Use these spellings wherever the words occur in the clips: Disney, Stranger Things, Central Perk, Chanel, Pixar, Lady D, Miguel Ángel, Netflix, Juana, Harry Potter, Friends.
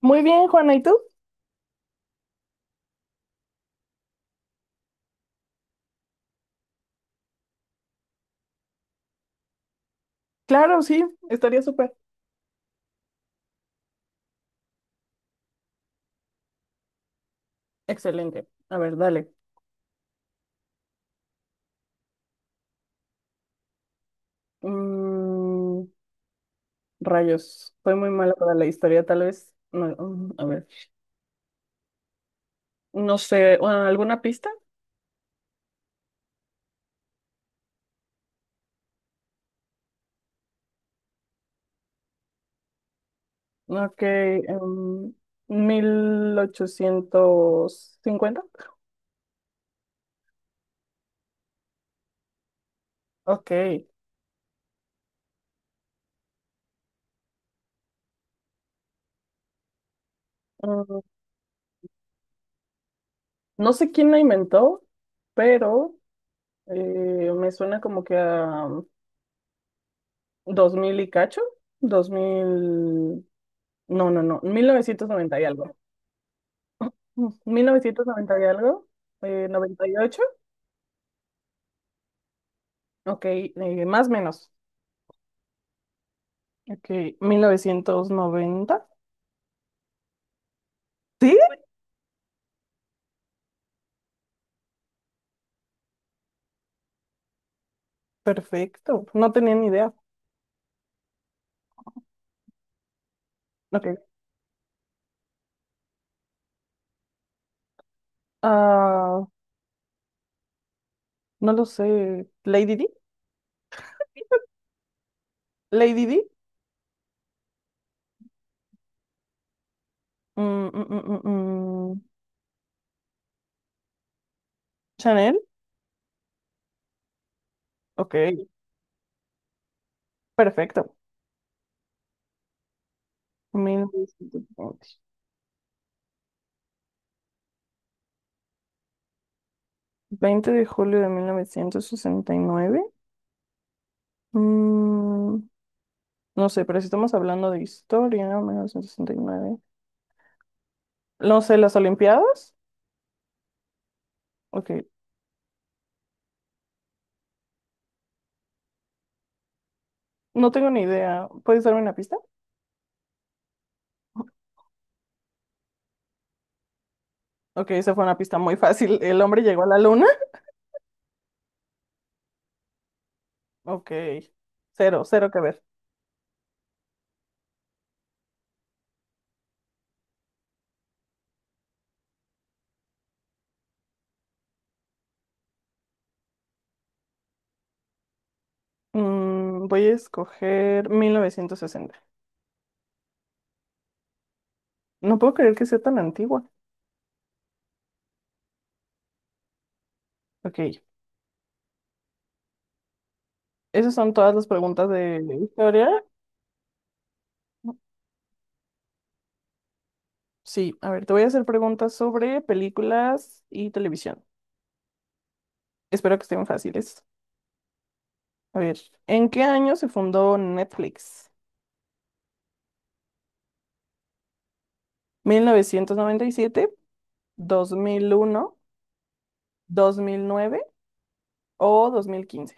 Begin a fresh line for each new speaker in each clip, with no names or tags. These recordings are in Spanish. Muy bien, Juana, ¿y tú? Claro, sí, estaría súper. Excelente. A ver, dale. Mm, Rayos, soy muy mala para la historia, tal vez. No, a ver, no sé, bueno, ¿alguna pista? Ok, 1850. Ok. mm, no sé quién la inventó, pero me suena como que a 2000 y cacho, 2000 no, no, no, 1990 y algo. Mil novecientos noventa y algo, 98, ok, más o menos, ok, 1990 sí, perfecto, no tenía ni idea, ok, ah, no lo sé, Lady D, Lady D. Mm, mm, mm, mm, mm, Chanel, ok, perfecto, mil novecientos veinte. Veinte de julio de mil novecientos sesenta y nueve. mm, no sé, pero si estamos hablando de historia, 1969 no sé, las Olimpiadas. Ok, no tengo ni idea. ¿Puedes darme una pista? Ok, esa fue una pista muy fácil. ¿El hombre llegó a la luna? Ok, cero, cero que ver. Voy a escoger 1960. No puedo creer que sea tan antigua. Ok, esas son todas las preguntas de historia. Sí, a ver, te voy a hacer preguntas sobre películas y televisión. Espero que estén fáciles. A ver, ¿en qué año se fundó Netflix? Mil novecientos noventa y siete, dos mil uno, dos mil nueve. O 2015.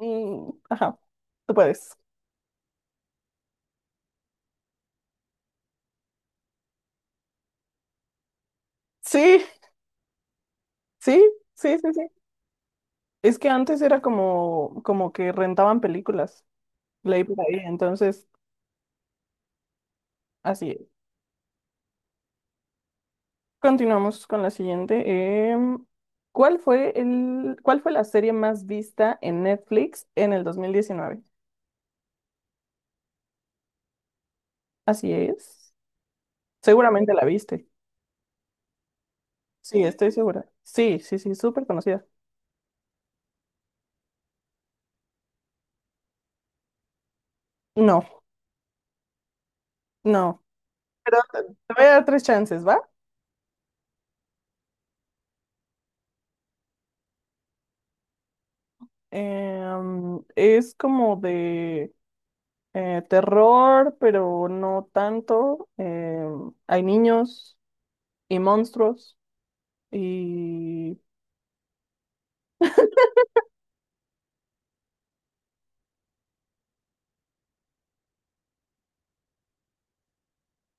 Ajá, tú puedes. Sí, sí, sí, sí, sí. Es que antes era como, como que rentaban películas. Leí por ahí, entonces, así es. Continuamos con la siguiente. ¿Cuál fue cuál fue la serie más vista en Netflix en el dos mil diecinueve? Así es. Seguramente la viste. Sí, estoy segura. Sí, sí, sí, súper conocida. No, no. Pero te voy a dar tres chances, ¿va? Es como de terror, pero no tanto. Em, hay niños y monstruos y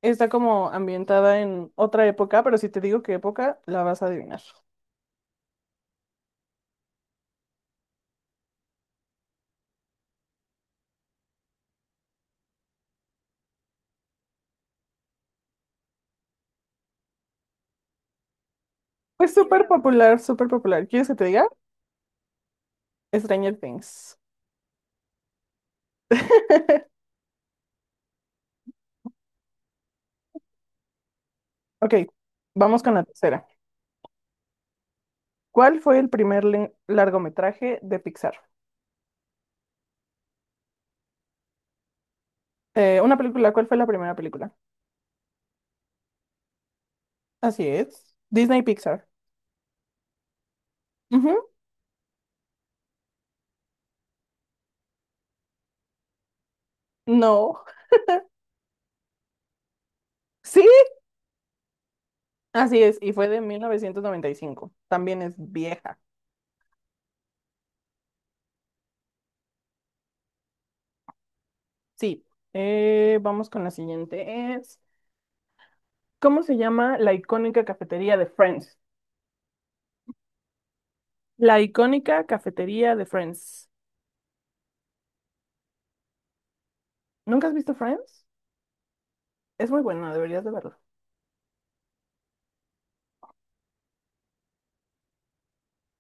está como ambientada en otra época, pero si te digo qué época, la vas a adivinar. Es súper popular, súper popular. ¿Quieres que te diga? Stranger Things. Ok, vamos con la tercera. ¿Cuál fue el primer largometraje de Pixar? Una película, ¿cuál fue la primera película? Así es. Disney Pixar. No, sí, así es, y fue de 1995. También es vieja, sí. Vamos con la siguiente, es, ¿cómo se llama la icónica cafetería de Friends? La icónica cafetería de Friends. ¿Nunca has visto Friends? Es muy buena, deberías de verlo.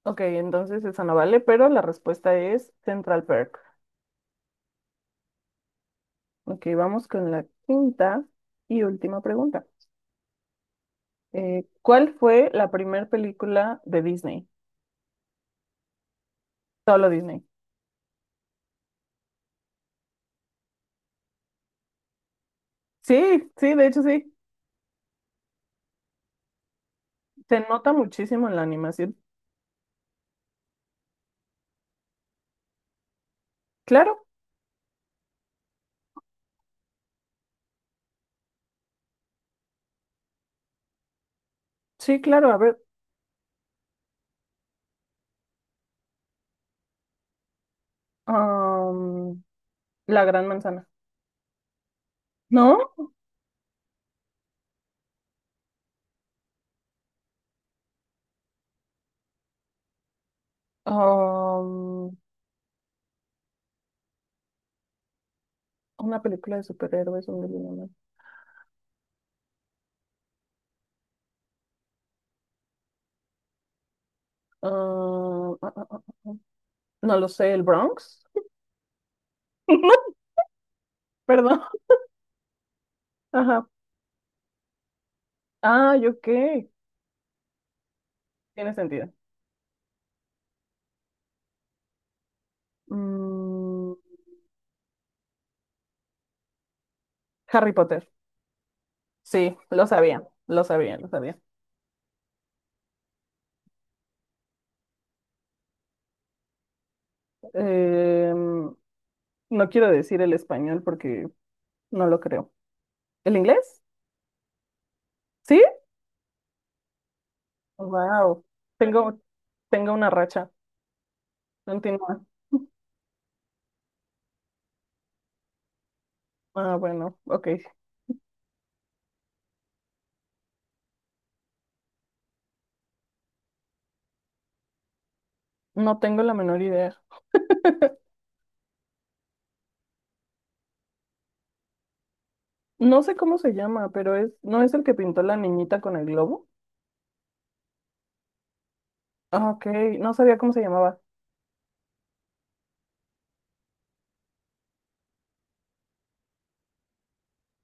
Ok, entonces esa no vale, pero la respuesta es Central Perk. Ok, vamos con la quinta y última pregunta. ¿Cuál fue la primera película de Disney? Solo Disney. Sí, sí, de hecho sí. Se nota muchísimo en la animación. Claro, sí, claro. A ver, am, La Gran Manzana. ¿No? Am, una película de superhéroes, un dilema. Ah, ah, ah, ah, no lo sé, El Bronx. Perdón. Ajá. Ah, yo qué. Tiene sentido. Mm, Harry Potter. Sí, lo sabía, lo sabía, lo sabía. Em, no quiero decir el español porque no lo creo. ¿El inglés? Sí, wow, tengo, tengo una racha, no entiendo. Ah, bueno, ok, no tengo la menor idea. No sé cómo se llama, pero es, ¿no es el que pintó la niñita con el globo? Ah, ok, no sabía cómo se llamaba.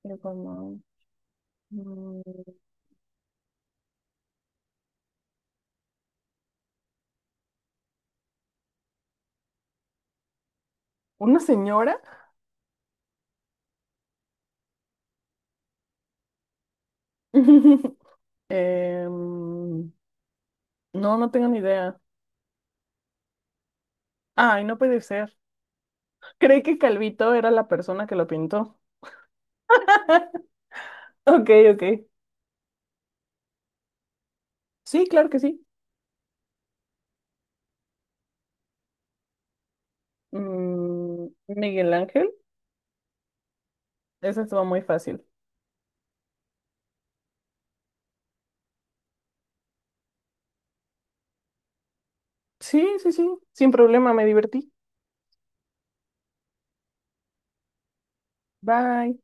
Era como, mm, ¿una señora? Em, no, no tengo ni idea. Ay, no puede ser. Creí que Calvito era la persona que lo pintó. Ok, ok. Sí, claro que sí. Miguel Ángel, esa estuvo muy fácil. Sí, sí, sí, sin problema, me divertí. Bye.